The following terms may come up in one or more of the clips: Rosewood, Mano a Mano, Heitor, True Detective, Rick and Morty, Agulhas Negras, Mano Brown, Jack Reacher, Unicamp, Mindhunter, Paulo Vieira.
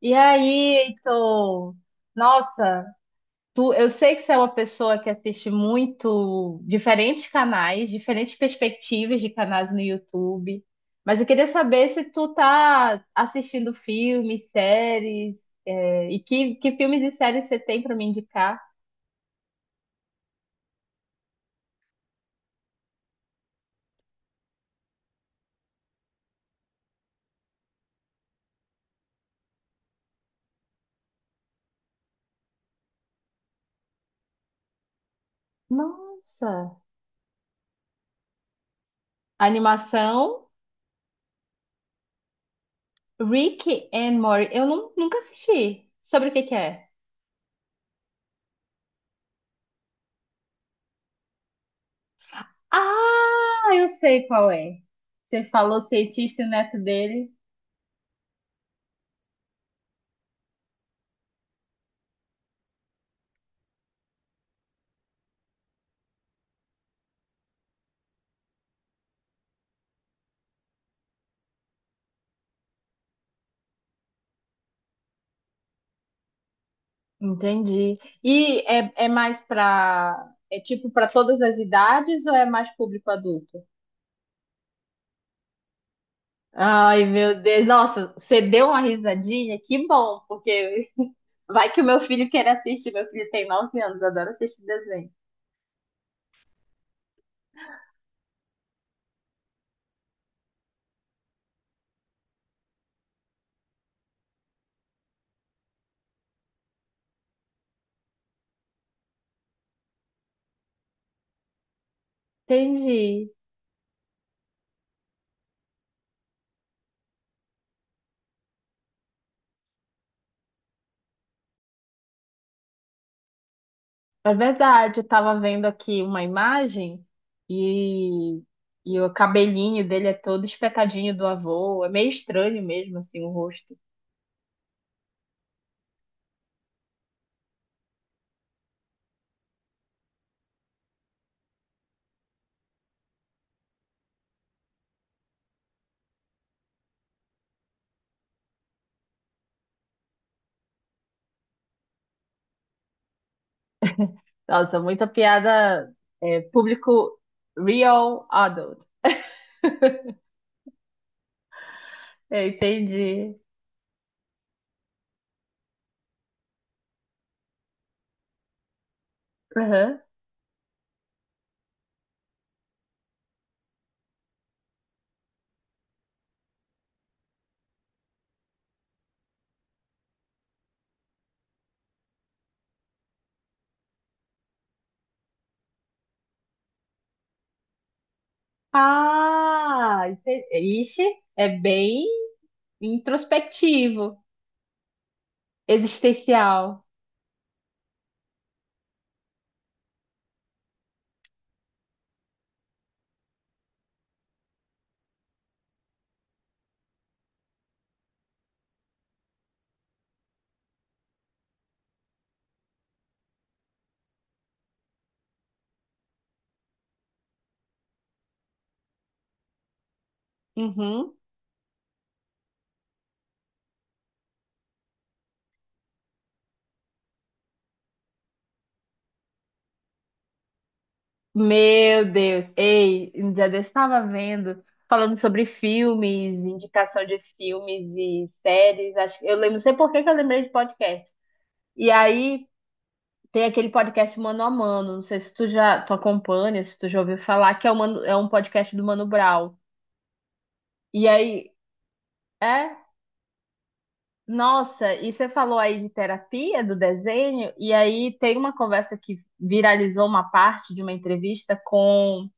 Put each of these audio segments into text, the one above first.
E aí, Heitor? Nossa, tu, eu sei que você é uma pessoa que assiste muito diferentes canais, diferentes perspectivas de canais no YouTube, mas eu queria saber se tu tá assistindo filmes, séries, e que filmes e séries você tem para me indicar? Nossa, animação Rick and Morty. Eu nunca assisti. Sobre o que que é? Ah, eu sei qual é. Você falou cientista e o neto dele. Entendi. E é mais para. É tipo para todas as idades ou é mais público adulto? Ai, meu Deus. Nossa, você deu uma risadinha? Que bom, porque vai que o meu filho quer assistir. Meu filho tem 9 anos, adora assistir desenho. Entendi. É verdade. Eu tava vendo aqui uma imagem e, e o cabelinho dele é todo espetadinho do avô. É meio estranho mesmo, assim, o rosto. Nossa, muita piada, é, público real adult. Eu entendi. Uhum. Ah, entendi. Ixi, é bem introspectivo, existencial. Uhum. Meu Deus. Ei, um dia desse estava vendo, falando sobre filmes, indicação de filmes e séries. Acho, eu lembro, não sei por que que eu lembrei de podcast. E aí tem aquele podcast Mano a Mano, não sei se tu já tu acompanha, se tu já ouviu falar, que é, o é um podcast do Mano Brown. E aí, é, nossa, e você falou aí de terapia, do desenho, e aí tem uma conversa que viralizou uma parte de uma entrevista com.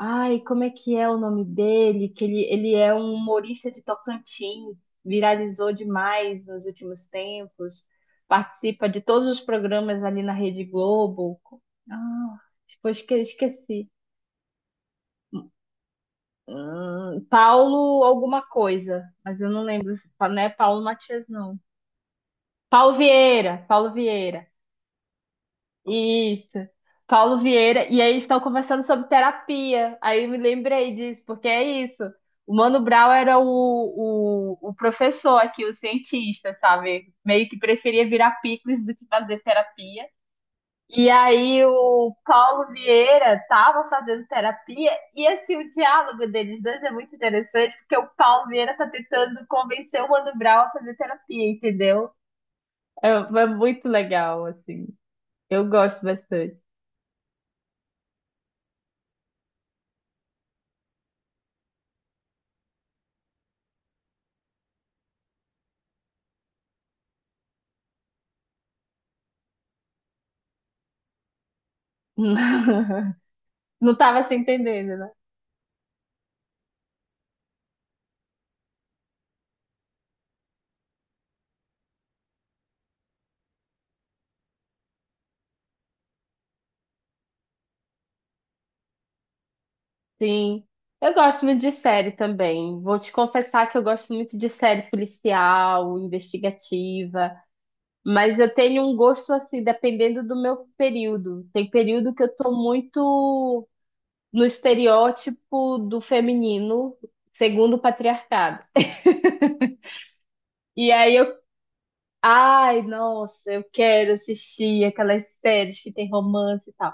Ai, como é que é o nome dele? Que ele é um humorista de Tocantins, viralizou demais nos últimos tempos, participa de todos os programas ali na Rede Globo. Ah, depois que esqueci. Paulo alguma coisa, mas eu não lembro, não é Paulo Matias, não. Paulo Vieira, Paulo Vieira. Isso. Paulo Vieira. E aí estão conversando sobre terapia. Aí eu me lembrei disso, porque é isso. O Mano Brown era o professor aqui, o cientista, sabe? Meio que preferia virar picles do que fazer terapia. E aí o Paulo Vieira tava fazendo terapia e assim o diálogo deles dois é muito interessante porque o Paulo Vieira tá tentando convencer o Mano Brown a fazer terapia, entendeu? É, é muito legal assim. Eu gosto bastante. Não tava se entendendo, né? Sim. Eu gosto muito de série também. Vou te confessar que eu gosto muito de série policial, investigativa, mas eu tenho um gosto assim, dependendo do meu período. Tem período que eu tô muito no estereótipo do feminino, segundo o patriarcado. E aí eu Ai, nossa, eu quero assistir aquelas séries que tem romance e tal.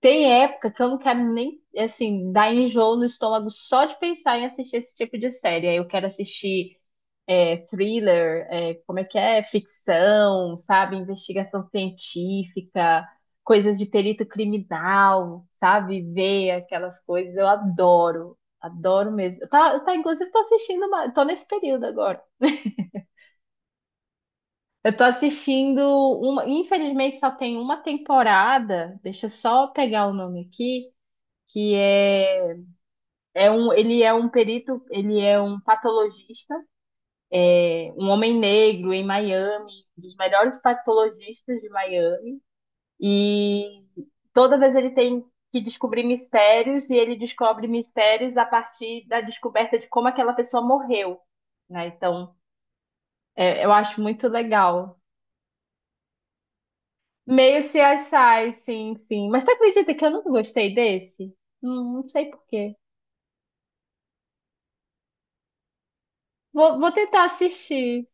Tem época que eu não quero nem, assim, dar enjoo no estômago só de pensar em assistir esse tipo de série. Aí eu quero assistir, é, thriller, é, como é que é? Ficção, sabe? Investigação científica, coisas de perito criminal, sabe? Ver aquelas coisas. Eu adoro, adoro mesmo. Tá, tá, inclusive, tô assistindo, uma, tô nesse período agora. Eu tô assistindo uma, infelizmente só tem uma temporada. Deixa eu só pegar o nome aqui, que é, é um, ele é um perito, ele é um patologista, é, um homem negro em Miami, um dos melhores patologistas de Miami. E toda vez ele tem que descobrir mistérios e ele descobre mistérios a partir da descoberta de como aquela pessoa morreu, né? Então, é, eu acho muito legal. Meio CSI, sim, sim. Mas tu acredita que eu nunca gostei desse? Não sei por quê. Vou, vou tentar assistir.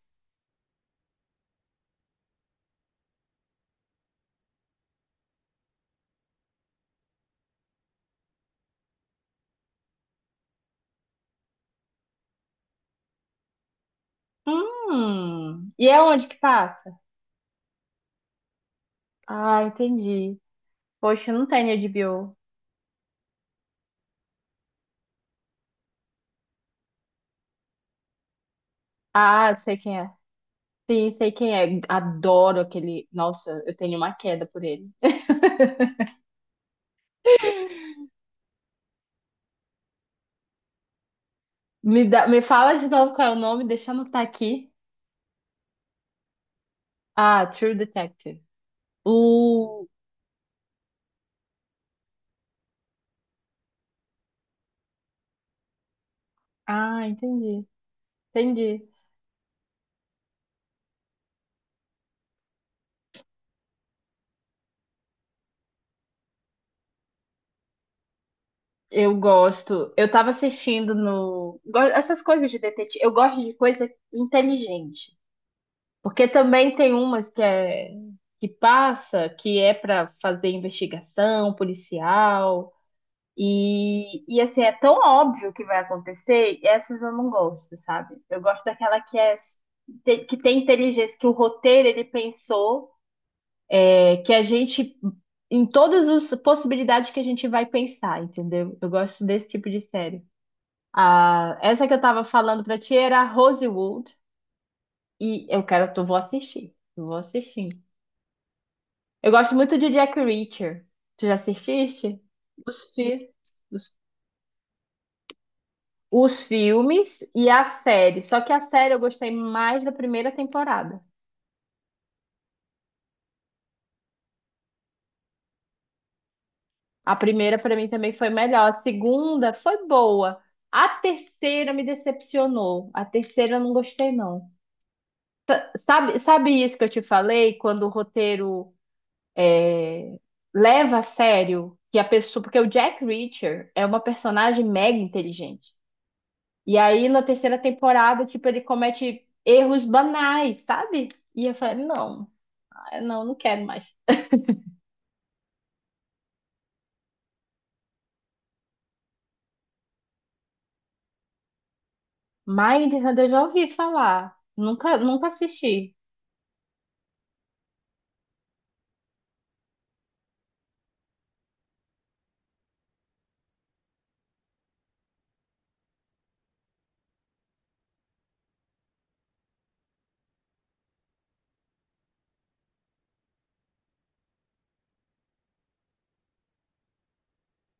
Hum. E é onde que passa? Ah, entendi. Poxa, não tem HBO. Ah, sei quem é. Sim, sei quem é. Adoro aquele. Nossa, eu tenho uma queda por ele. Me dá, me fala de novo qual é o nome, deixa eu anotar aqui. Ah, True Detective. O. Ah, entendi. Entendi. Eu gosto. Eu tava assistindo no. Essas coisas de detetive. Eu gosto de coisa inteligente. Porque também tem umas que é. Que passa, que é pra fazer investigação policial. E assim, é tão óbvio que vai acontecer, e essas eu não gosto, sabe? Eu gosto daquela que é que tem inteligência, que o roteiro ele pensou, é, que a gente, em todas as possibilidades que a gente vai pensar, entendeu? Eu gosto desse tipo de série. Ah, essa que eu tava falando pra ti era Rosewood. E eu quero, tu vou assistir. Eu vou assistir. Eu gosto muito de Jack Reacher. Tu já assististe? Os, fi os, os filmes e a série. Só que a série eu gostei mais da primeira temporada. A primeira pra mim também foi melhor. A segunda foi boa. A terceira me decepcionou. A terceira eu não gostei, não. Sabe, sabe isso que eu te falei? Quando o roteiro, é, leva a sério que a pessoa. Porque o Jack Reacher é uma personagem mega inteligente. E aí, na terceira temporada, tipo, ele comete erros banais, sabe? E eu falei, não, não quero mais. Mindhunter eu já ouvi falar. Nunca, nunca assisti.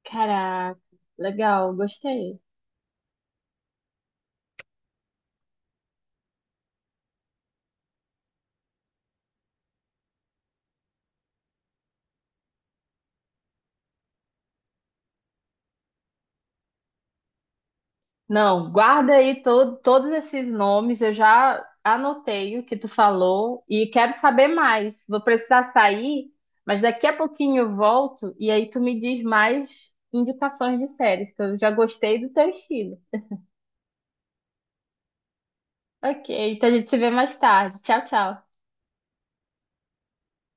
Caraca, legal, gostei. Não, guarda aí todos esses nomes, eu já anotei o que tu falou e quero saber mais. Vou precisar sair, mas daqui a pouquinho eu volto e aí tu me diz mais indicações de séries, que eu já gostei do teu estilo. Ok, então a gente se vê mais tarde. Tchau, tchau.